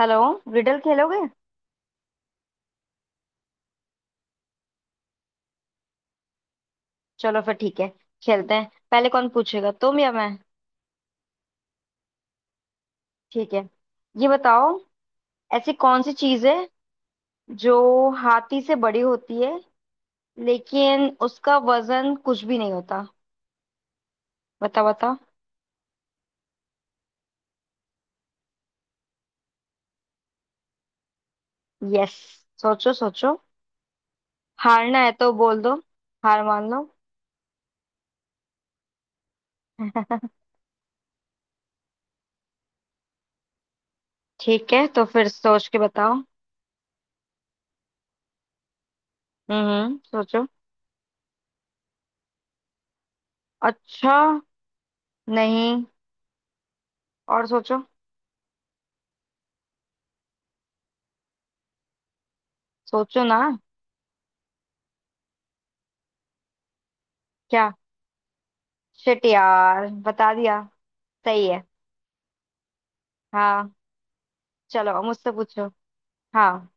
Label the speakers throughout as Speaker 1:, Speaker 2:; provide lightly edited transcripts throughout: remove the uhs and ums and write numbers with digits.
Speaker 1: Hello. Riddle खेलोगे? चलो फिर ठीक है। खेलते हैं। पहले कौन पूछेगा, तुम या मैं? ठीक है, ये बताओ। ऐसी कौन सी चीज है जो हाथी से बड़ी होती है लेकिन उसका वजन कुछ भी नहीं होता? बताओ बताओ। यस। सोचो सोचो। हारना है तो बोल दो, हार मान लो। ठीक है, तो फिर सोच के बताओ। सोचो। अच्छा। नहीं। और सोचो। सोचो ना। क्या? शिट यार, बता दिया। सही है। हाँ। चलो अब मुझसे पूछो। हाँ,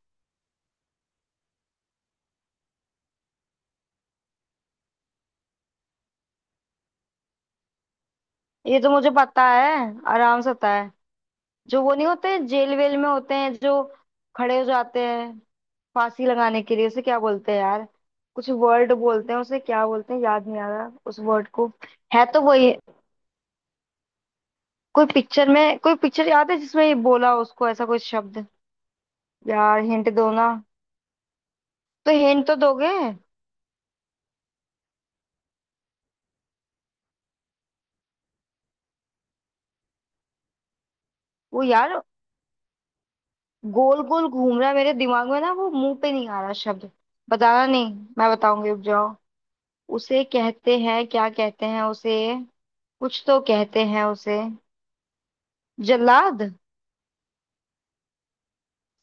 Speaker 1: ये तो मुझे पता है, आराम से पता है। जो वो नहीं होते, जेल वेल में होते हैं जो खड़े हो जाते हैं फांसी लगाने के लिए, उसे क्या बोलते हैं यार? कुछ वर्ड बोलते हैं उसे, क्या बोलते हैं, याद नहीं आ रहा उस वर्ड को। है तो वही। कोई पिक्चर में, कोई पिक्चर याद है जिसमें ये बोला उसको, ऐसा कोई शब्द। यार हिंट दो ना। तो हिंट तो दोगे। वो यार गोल गोल घूम रहा है मेरे दिमाग में ना, वो मुंह पे नहीं आ रहा शब्द। बताना नहीं, मैं बताऊंगी, रुक जाओ। उसे कहते हैं, क्या कहते हैं उसे, कुछ तो कहते हैं उसे। जल्लाद।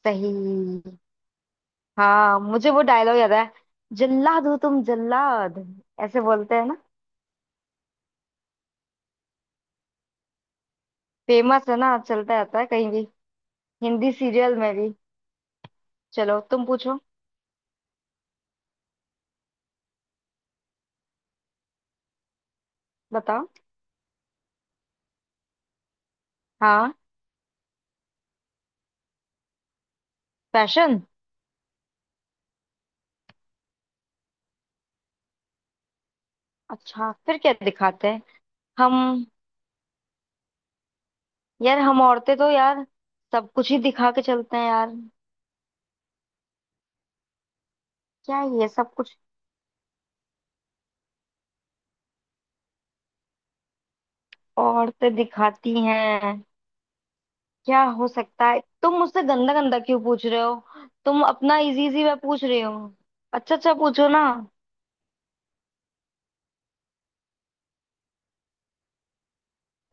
Speaker 1: सही। हाँ, मुझे वो डायलॉग याद है। जल्लाद हो तुम, जल्लाद। ऐसे बोलते हैं ना। फेमस है ना, चलता रहता है कहीं भी। हिंदी सीरियल में भी। चलो तुम पूछो। बताओ। हाँ। फैशन। अच्छा, फिर क्या दिखाते हैं? हम। यार हम औरतें तो यार सब कुछ ही दिखा के चलते हैं यार। क्या, ये सब कुछ? औरतें दिखाती हैं। क्या हो सकता है? तुम मुझसे गंदा गंदा क्यों पूछ रहे हो? तुम अपना इजी इजी मैं पूछ रही हूँ। अच्छा अच्छा, पूछो ना।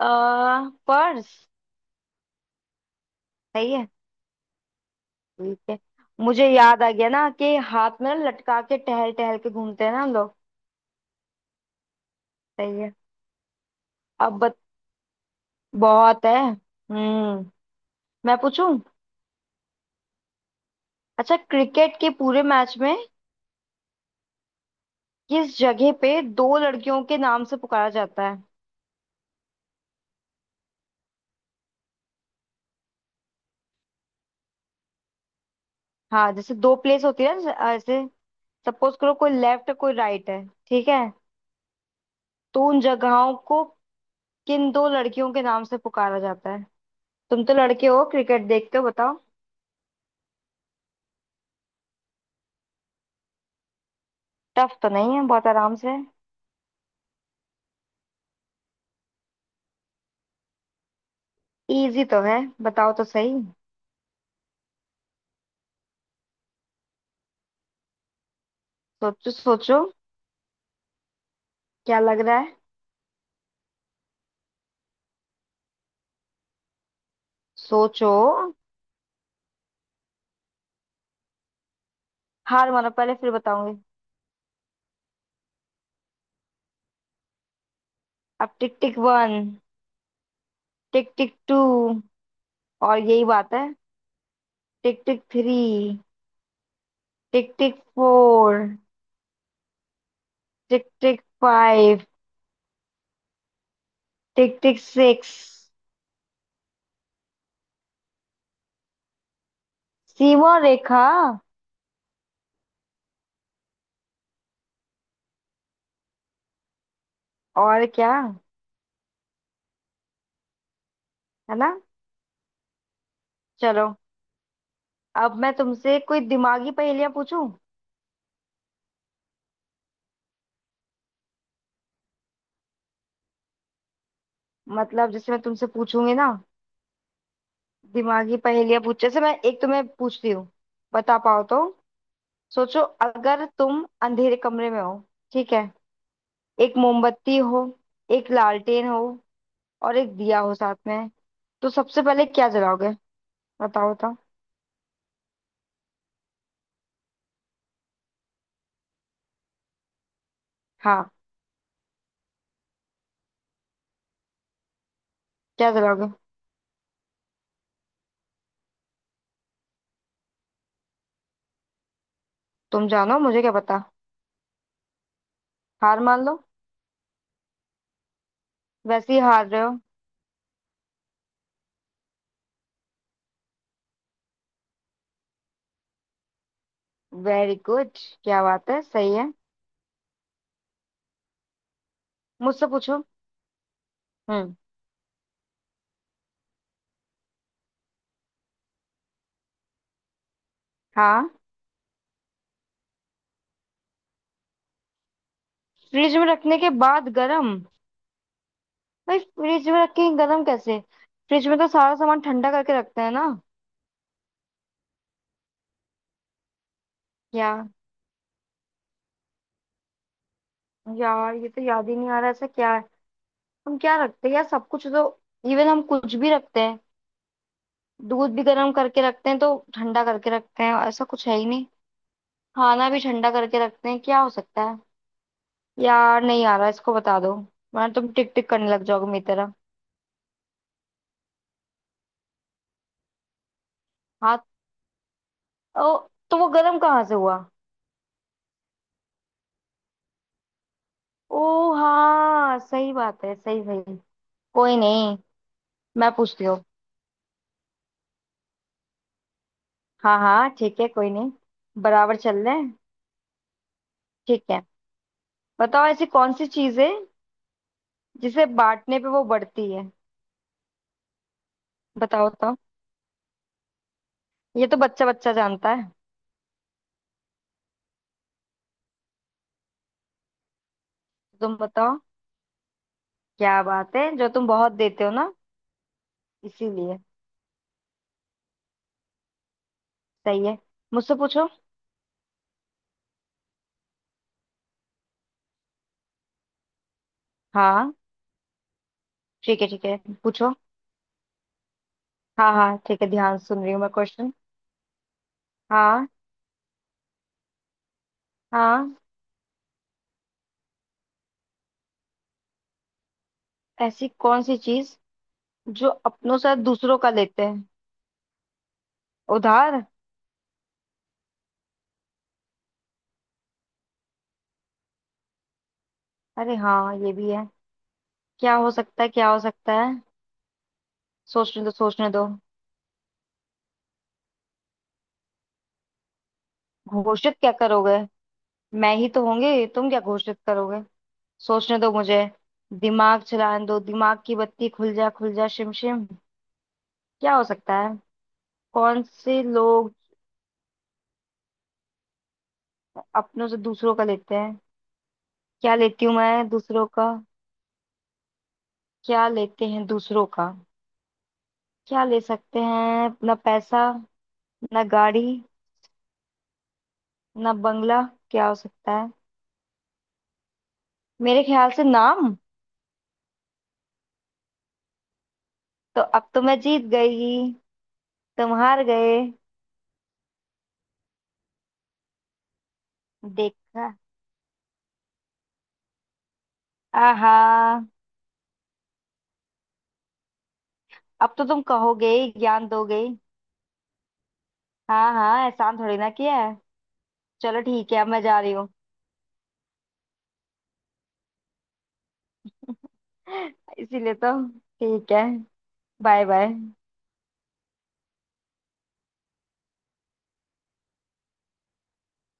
Speaker 1: आ, पर्स। सही है। ठीक है, मुझे याद आ गया ना कि हाथ में ना लटका के टहल टहल के घूमते हैं ना हम लोग। सही है। अब बत, बहुत है। हम्म मैं पूछूं। अच्छा, क्रिकेट के पूरे मैच में किस जगह पे दो लड़कियों के नाम से पुकारा जाता है? हाँ जैसे दो प्लेस होती है ना, जैसे सपोज करो, कोई लेफ्ट कोई राइट है, ठीक है, तो उन जगहों को किन दो लड़कियों के नाम से पुकारा जाता है? तुम तो लड़के हो, क्रिकेट देखते हो, बताओ। टफ तो नहीं है, बहुत आराम से। इजी तो है, बताओ तो सही। सोचो सोचो। क्या लग रहा है? सोचो। हार मानो पहले, फिर बताऊंगी। अब tick tick one, tick tick two, और यही बात है, tick tick three, tick tick four, tick tick five, tick tick six. सीमा रेखा। और क्या, है ना। चलो, अब मैं तुमसे कोई दिमागी पहेलियां पूछूं। मतलब जैसे मैं तुमसे पूछूंगी ना दिमागी पहेलियां, पूछ जैसे, मैं एक तुम्हें पूछती हूँ, बता पाओ तो। सोचो, अगर तुम अंधेरे कमरे में हो, ठीक है, एक मोमबत्ती हो, एक लालटेन हो, और एक दिया हो साथ में, तो सबसे पहले क्या जलाओगे? बताओ बताओ। हाँ, क्या जलाओगे? तुम जानो, मुझे क्या पता। हार मान लो, वैसे ही हार रहे हो। Very good. क्या बात है, सही है। मुझसे पूछो। हम्म हाँ। फ्रिज में रखने के बाद गरम? भाई फ्रिज में रख के गरम कैसे? फ्रिज में तो सारा सामान ठंडा करके रखते हैं ना। क्या? यार ये तो याद ही नहीं आ रहा, ऐसा क्या है? हम क्या रखते हैं यार, सब कुछ तो। इवन हम कुछ भी रखते हैं। दूध भी गर्म करके रखते हैं तो ठंडा करके रखते हैं, ऐसा कुछ है ही नहीं। खाना भी ठंडा करके रखते हैं। क्या हो सकता है? यार नहीं आ रहा, इसको बता दो, वरना तुम टिक टिक करने लग जाओगे मेरी तरह। हाथ। ओ। तो वो गर्म कहाँ से हुआ? ओ हाँ, सही बात है, सही सही। कोई नहीं, मैं पूछती हूँ। हाँ हाँ ठीक है, कोई नहीं, बराबर चल रहे हैं। ठीक है, बताओ। ऐसी कौन सी चीज है जिसे बांटने पे वो बढ़ती है? बताओ तो, ये तो बच्चा बच्चा जानता है। तुम बताओ। क्या बात है, जो तुम बहुत देते हो ना। इसीलिए। सही है। मुझसे पूछो। हाँ, ठीक है ठीक है। पूछो। हाँ हाँ ठीक है, ध्यान सुन रही हूँ मैं क्वेश्चन। हाँ। हाँ। ऐसी कौन सी चीज जो अपनों से दूसरों का लेते हैं? उधार। अरे हाँ, ये भी है। क्या हो सकता है, क्या हो सकता है? सोचने दो सोचने दो। घोषित क्या करोगे? मैं ही तो होंगी, तुम क्या घोषित करोगे? सोचने दो मुझे, दिमाग चलाने दो, दिमाग की बत्ती खुल जा शिम शिम। क्या हो सकता है? कौन से लोग अपनों से दूसरों का लेते हैं? क्या लेती हूँ मैं दूसरों का? क्या लेते हैं दूसरों का? क्या ले सकते हैं, ना पैसा, ना गाड़ी, ना बंगला, क्या हो सकता है? मेरे ख्याल से नाम। तो अब तो मैं जीत गई, तुम हार गए। देखा। आहा। अब तो तुम कहोगे ही, ज्ञान दोगे ही। हाँ हाँ, एहसान थोड़ी ना किया है। चलो ठीक है, अब मैं जा रही हूँ। इसीलिए तो, ठीक है, बाय बाय।